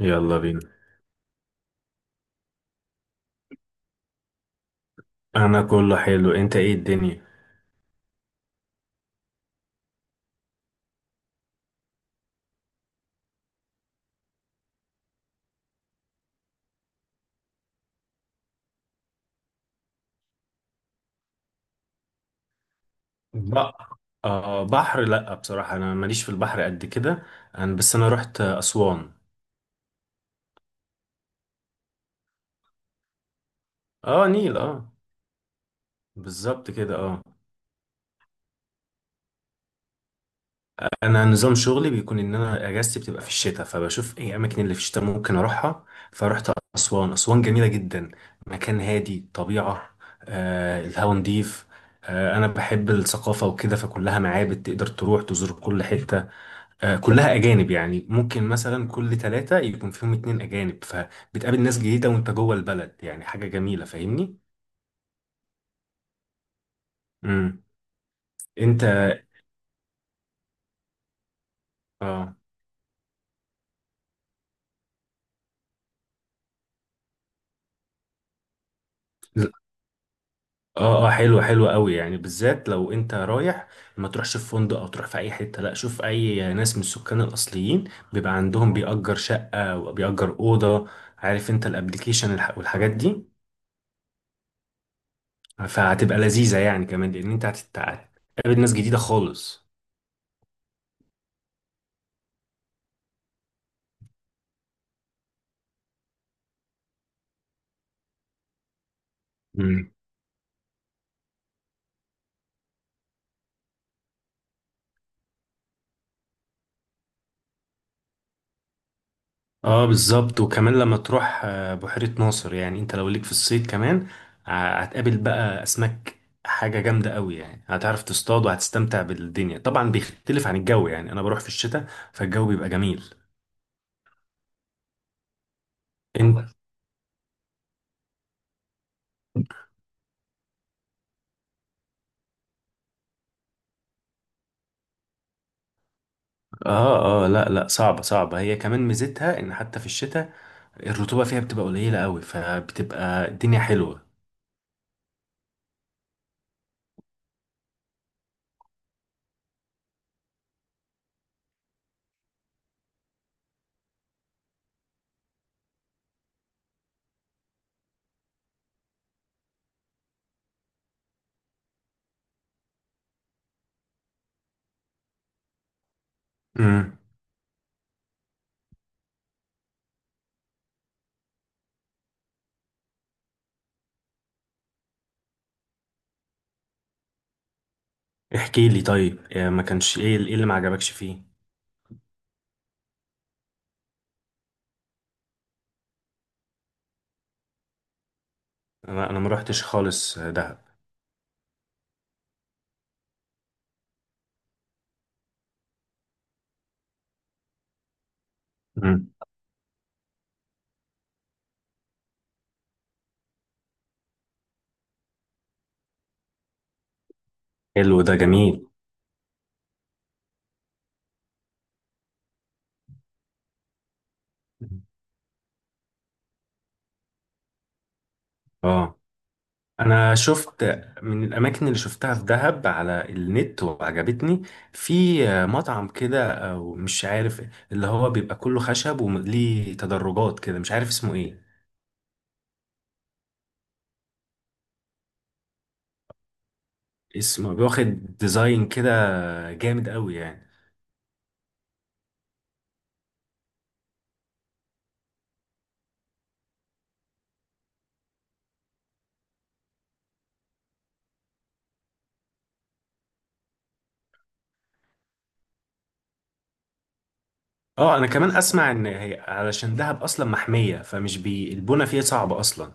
يلا بينا. انا كله حلو، انت ايه الدنيا؟ بقى آه، بحر لا بصراحة انا ماليش في البحر قد كده. انا رحت اسوان. اه نيل، اه بالظبط كده اه. انا نظام شغلي بيكون ان انا اجازتي بتبقى في الشتاء، فبشوف ايه اماكن اللي في الشتاء ممكن اروحها. فرحت اسوان. اسوان جميلة جدا، مكان هادي، طبيعة، آه الهوا نضيف. آه انا بحب الثقافة وكده، فكلها معابد تقدر تروح تزور كل حتة. كلها أجانب، يعني ممكن مثلا كل ثلاثة يكون فيهم اتنين أجانب، فبتقابل ناس جديدة وأنت جوه البلد، يعني حاجة جميلة، فاهمني؟ امم أنت اه. لا، اه اه، حلوة حلوة قوي يعني، بالذات لو أنت رايح ما تروحش في فندق أو تروح في أي حتة، لا شوف أي ناس من السكان الأصليين بيبقى عندهم بيأجر شقة وبيأجر أوضة. عارف أنت الأبليكيشن والحاجات دي؟ فهتبقى لذيذة يعني، كمان لأن أنت هتتقابل ناس جديدة خالص. اه بالظبط. وكمان لما تروح بحيرة ناصر يعني، انت لو ليك في الصيد كمان هتقابل بقى اسماك، حاجة جامدة قوي يعني. هتعرف تصطاد وهتستمتع بالدنيا، طبعا بيختلف عن الجو يعني، انا بروح في الشتاء فالجو بيبقى جميل. انت اه اه. لا لا، صعبة صعبة. هي كمان ميزتها ان حتى في الشتاء الرطوبة فيها بتبقى قليلة قوي، فبتبقى الدنيا حلوة. امم احكي لي طيب، ما كانش ايه، ايه اللي ما عجبكش فيه؟ انا ما روحتش خالص دهب. امم حلو، ده جميل. اه انا شفت من الاماكن اللي شفتها في دهب على النت وعجبتني، في مطعم كده او مش عارف اللي هو بيبقى كله خشب وليه تدرجات كده، مش عارف اسمه ايه. اسمه بياخد ديزاين كده جامد قوي يعني. اه انا كمان اسمع ان هي علشان دهب اصلا محمية، فمش بي البنى فيها صعبة اصلا.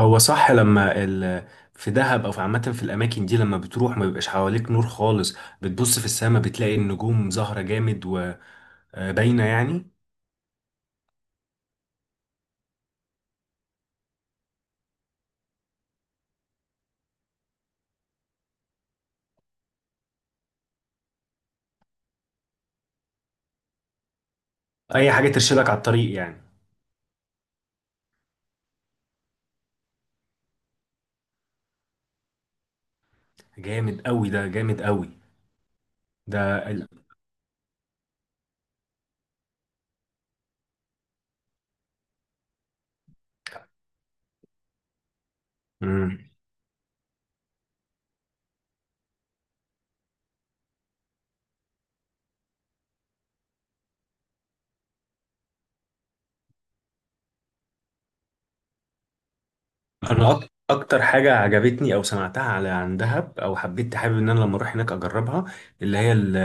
هو صح، لما في دهب او في عامه في الاماكن دي، لما بتروح ما بيبقاش حواليك نور خالص. بتبص في السماء بتلاقي النجوم ظاهره جامد وباينه يعني، اي حاجه ترشدك على الطريق يعني. جامد قوي، ده جامد قوي. ده ال... مم. انا اكتر حاجه عجبتني او سمعتها على عن دهب او حبيت حابب ان انا لما اروح هناك اجربها، اللي هي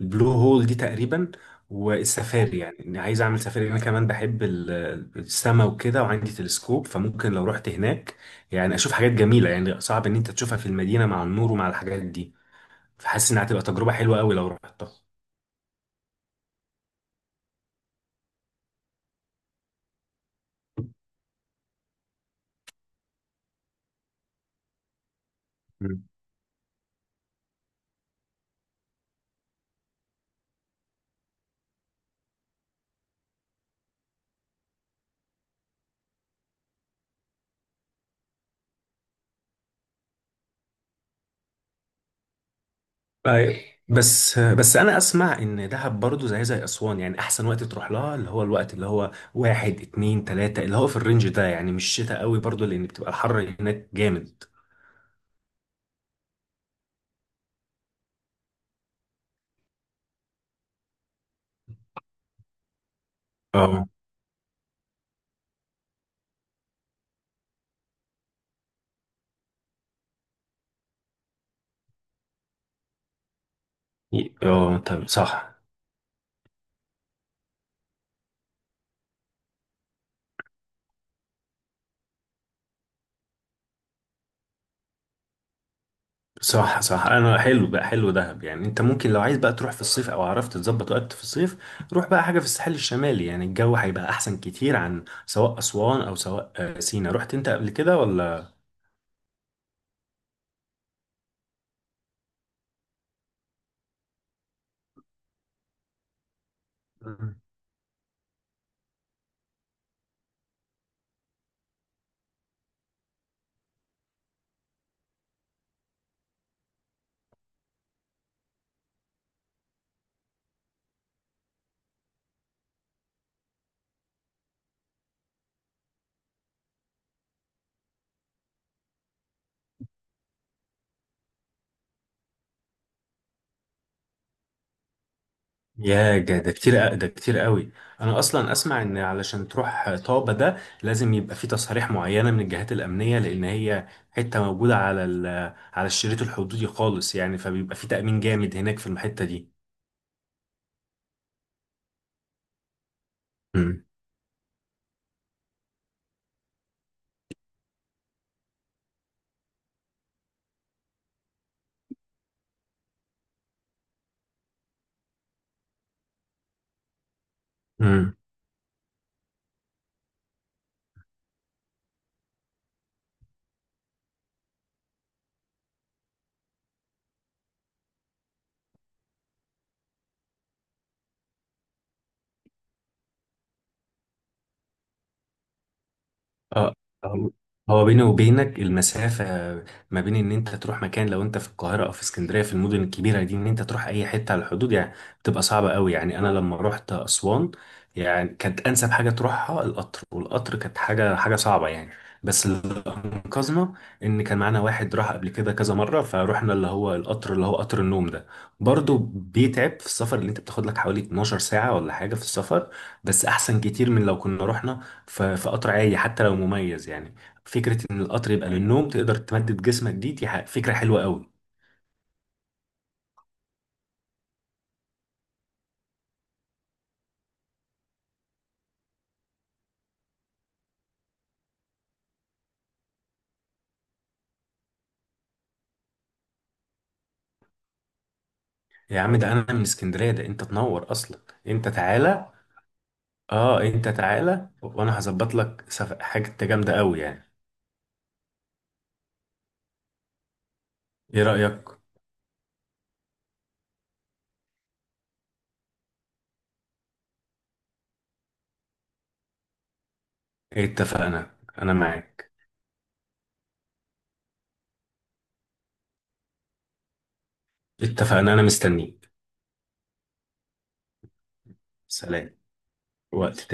البلو هول دي تقريبا، والسفاري. يعني إني عايز اعمل سفاري. انا كمان بحب السما وكده، وعندي تلسكوب، فممكن لو رحت هناك يعني اشوف حاجات جميله، يعني صعب ان انت تشوفها في المدينه مع النور ومع الحاجات دي. فحاسس انها هتبقى تجربه حلوه قوي لو رحتها. أيوة. بس انا اسمع ان دهب برضو زي زي اسوان يعني، احسن وقت تروح لها اللي هو الوقت اللي هو واحد اتنين تلاتة، اللي هو في الرينج ده يعني، مش شتاء قوي برضو لان بتبقى الحر هناك جامد. اه. اه طب صح، صح صح. انا حلو بقى، حلو دهب يعني. انت ممكن لو عايز بقى تروح في الصيف، او عرفت تظبط وقت في الصيف روح بقى حاجة في الساحل الشمالي، يعني الجو هيبقى احسن كتير عن سواء اسوان او سواء سينا. رحت انت قبل كده ولا؟ ده كتير، ده كتير قوي. انا اصلا اسمع ان علشان تروح طابة ده لازم يبقى في تصاريح معينة من الجهات الامنية، لان هي حتة موجودة على على الشريط الحدودي خالص يعني، فبيبقى في تأمين جامد هناك في الحتة دي. امم اه. هو هو بيني وبينك المسافة ما بين ان انت تروح مكان لو انت في القاهرة او في اسكندرية في المدن الكبيرة دي، ان انت تروح اي حتة على الحدود يعني بتبقى صعبة قوي يعني. انا لما رحت اسوان يعني، كانت انسب حاجة تروحها القطر، والقطر كانت حاجة حاجة صعبة يعني. بس اللي انقذنا ان كان معانا واحد راح قبل كده كذا مرة، فروحنا اللي هو القطر اللي هو قطر النوم ده. برضه بيتعب في السفر، اللي انت بتاخد لك حوالي 12 ساعة ولا حاجة في السفر، بس احسن كتير من لو كنا رحنا في قطر عادي حتى لو مميز يعني. فكرة إن القطر يبقى للنوم تقدر تمدد جسمك، دي فكرة حلوة قوي. يا عم ده أنا من اسكندرية، ده أنت تنور أصلا. أنت تعالى. أه أنت تعالى وأنا هظبط لك حاجة جامدة قوي يعني. إيه رأيك؟ اتفقنا، أنا معاك. اتفقنا، أنا مستنيك. سلام. وقت تاني.